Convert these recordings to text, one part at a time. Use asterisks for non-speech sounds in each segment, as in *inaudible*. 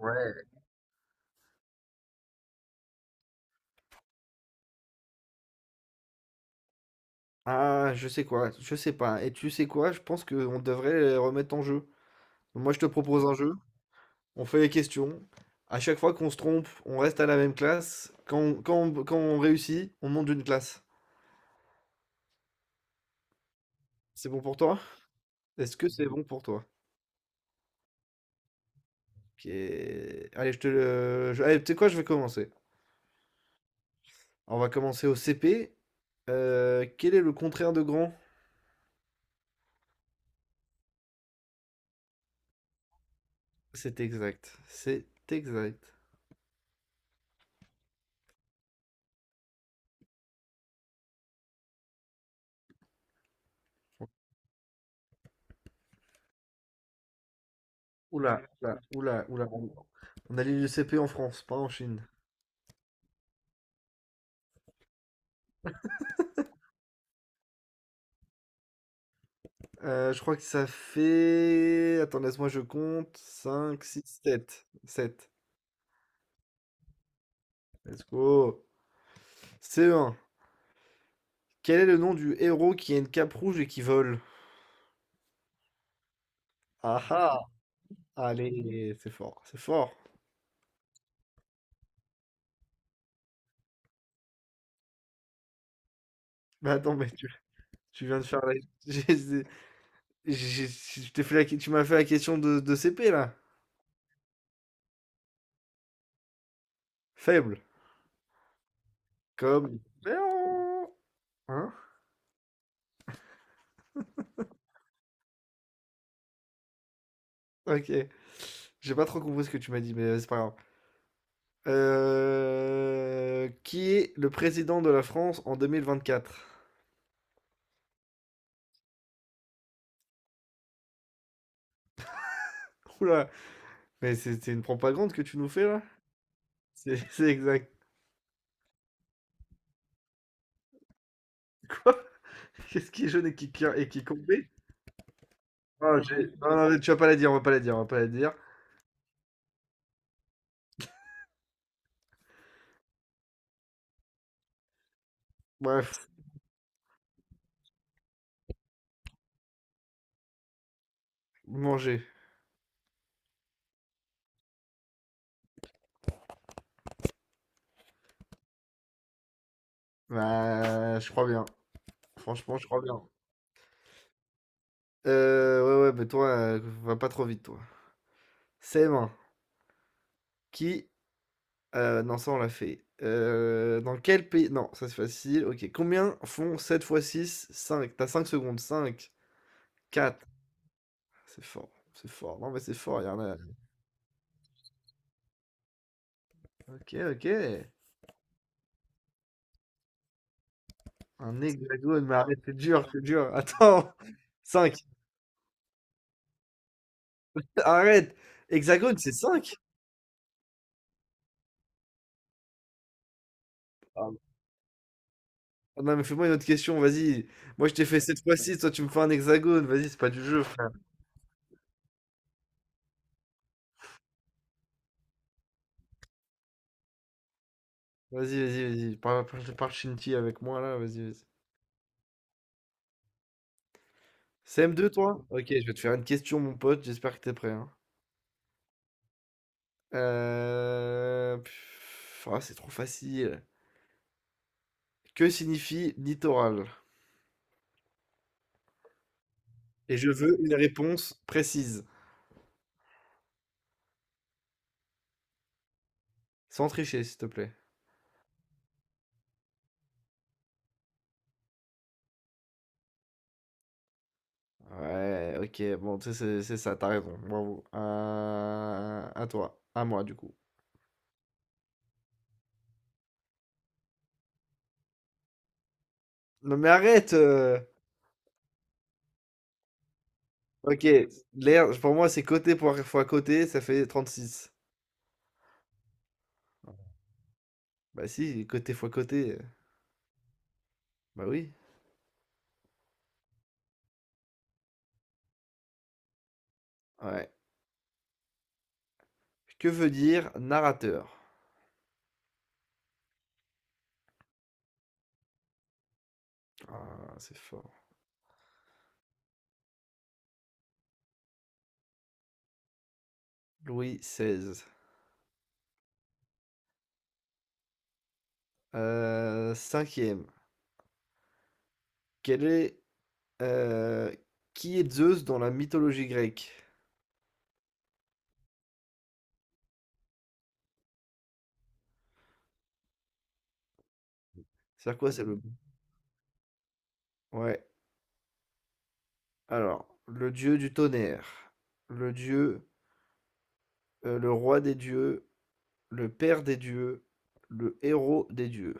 Ouais. Ah, je sais quoi, je sais pas. Et tu sais quoi, je pense qu'on devrait les remettre en jeu. Donc moi, je te propose un jeu, on fait les questions. À chaque fois qu'on se trompe, on reste à la même classe. Quand on réussit, on monte d'une classe. C'est bon pour toi? Est-ce que c'est bon pour toi? Ok. Allez, je te le... je- Allez, tu sais quoi, je vais commencer. On va commencer au CP. Quel est le contraire de grand? C'est exact. C'est exact. Oula, oula, oula, oula. On a l'île du CP en France, pas en Chine. Je crois que ça fait, attends, laisse-moi je compte cinq, six, 7, 7. Let's go. C1. Quel est le nom du héros qui a une cape rouge et qui vole? Ah ah! Allez, c'est fort, c'est fort. Mais attends, mais tu viens de faire la *laughs* j'ai j'ai j'ai je t'ai fait la ques tu m'as fait la question de CP là. Faible, comme, hein? OK. J'ai pas trop compris ce que tu m'as dit, mais c'est pas grave. Qui est le président de la France en 2024? Ouh là, mais c'est une propagande que tu nous fais là? C'est *laughs* c'est exact, quoi? Qu'est-ce qui est jaune et qui et qui compte. Ah, j'ai non, non, mais tu vas pas la dire, on va pas la dire, on va pas la dire. Bref, manger. Bah, je crois bien. Franchement, je crois bien. Ouais, ouais, mais toi, va pas trop vite, toi. CM1, qui non, ça on l'a fait. Dans quel pays non, ça c'est facile, OK. Combien font 7 fois six? 5. T'as 5 secondes. Cinq. Quatre. C'est fort, c'est fort. Non, mais c'est fort, il y en a. OK, OK. Un hexagone, mais arrête, c'est dur, c'est dur. *laughs* Attends, cinq. Arrête! Hexagone, c'est cinq. Ah non, mais fais-moi une autre question, vas-y. Moi, je t'ai fait 7 fois 6. Toi, tu me fais un hexagone. Vas-y, c'est pas du jeu, frère. Vas-y, vas-y, vas-y. Parle parle parle chinti avec moi là, vas-y, vas-y. CM2, toi? Ok, je vais te faire une question, mon pote. J'espère que t'es prêt, hein. Pff, ah, c'est trop facile. Que signifie littoral? Et je veux une réponse précise, sans tricher, s'il te plaît. Ouais, ok, bon, tu sais, c'est ça, t'as raison. Bravo. À toi, à moi, du coup. Non, mais arrête! Ok, l'air, pour moi, c'est côté fois côté, ça fait 36. Bah si, côté fois côté. Bah oui. Ouais. Que veut dire narrateur? Ah, c'est fort. Louis XVI. Cinquième. Quel est, euh, qui est Zeus dans la mythologie grecque? C'est quoi? C'est le. Ouais. Alors, le dieu du tonnerre, le dieu, le roi des dieux, le père des dieux, le héros des dieux.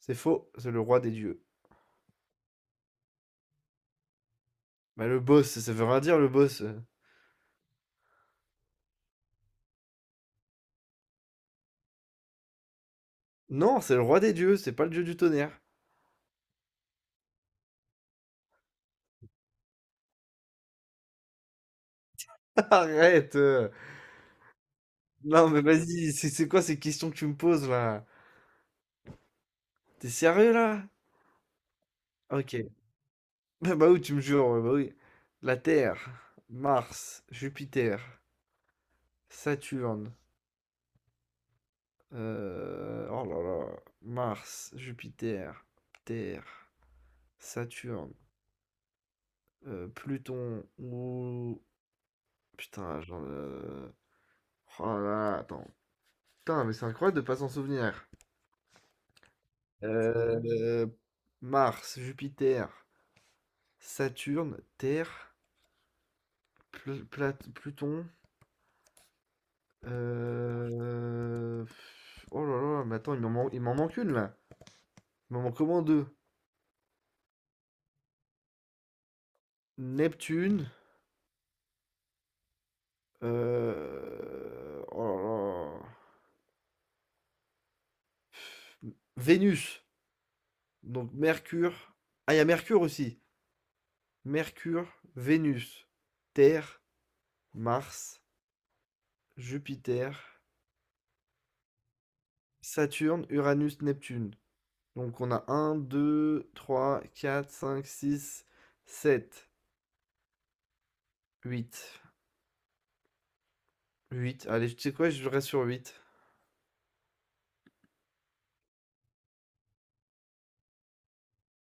C'est faux, c'est le roi des dieux. Mais le boss, ça veut rien dire le boss. Non, c'est le roi des dieux, c'est pas le dieu du tonnerre. *laughs* Arrête! Non, mais vas-y, c'est quoi ces questions que tu me poses là? T'es sérieux là? OK. *laughs* Bah oui, tu me jures, ouais, bah oui. La Terre, Mars, Jupiter, Saturne, oh là là, Mars, Jupiter, Terre, Saturne, Pluton ou putain, oh là là, attends. Putain, mais c'est incroyable de pas s'en souvenir. Heu, Mars, Jupiter, Saturne, Terre, Pluton. Euh, Oh là là, mais attends, il m'en manque une là. Il m'en manque au deux. Neptune. Oh là là. Vénus. Donc Mercure. Ah, il y a Mercure aussi. Mercure, Vénus, Terre, Mars, Jupiter, Saturne, Uranus, Neptune. Donc on a un, deux, trois, quatre, cinq, six, sept, huit, huit. Allez, tu sais quoi, je reste sur huit.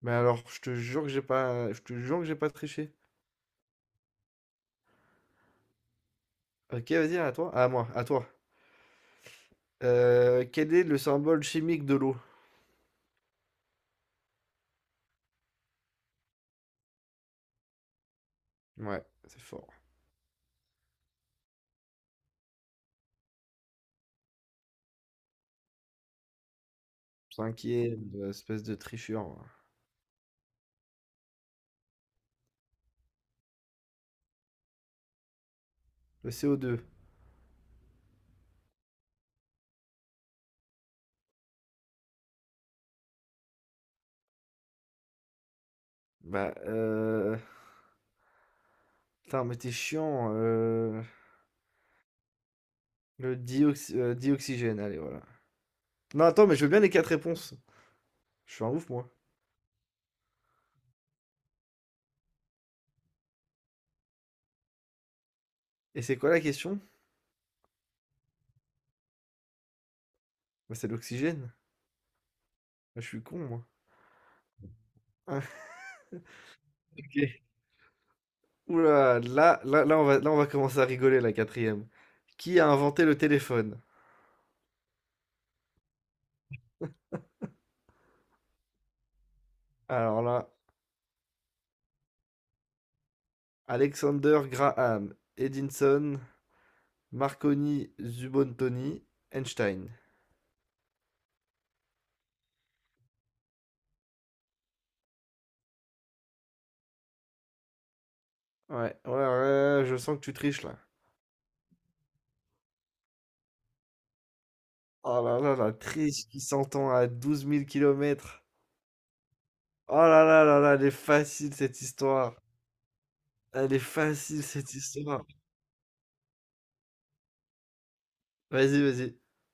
Mais alors, je te jure que j'ai pas triché. OK, vas-y, à toi. À moi, à toi. Quel est le symbole chimique de l'eau? Ouais, c'est fort. 5e, espèce de tricheur, hein. Le co deux. Bah, putain, mais t'es chiant, le dioxygène, allez, voilà. Non, attends, mais je veux bien les 4 réponses. Je suis un ouf, moi. Et c'est quoi la question? Bah, c'est l'oxygène. Bah, je suis con, moi. Ah, *laughs* OK. Oula, là, là là, on va commencer à rigoler, la quatrième. Qui a inventé le téléphone? Alors là, Alexander Graham, Edinson, Marconi, Zubontoni, Einstein. Ouais, ouais, ouais, je sens que tu triches là. Oh là là, la triche qui s'entend à 12 000 kilomètres. Oh là là là là, elle est facile cette histoire. Elle est facile cette histoire. Vas-y, vas-y.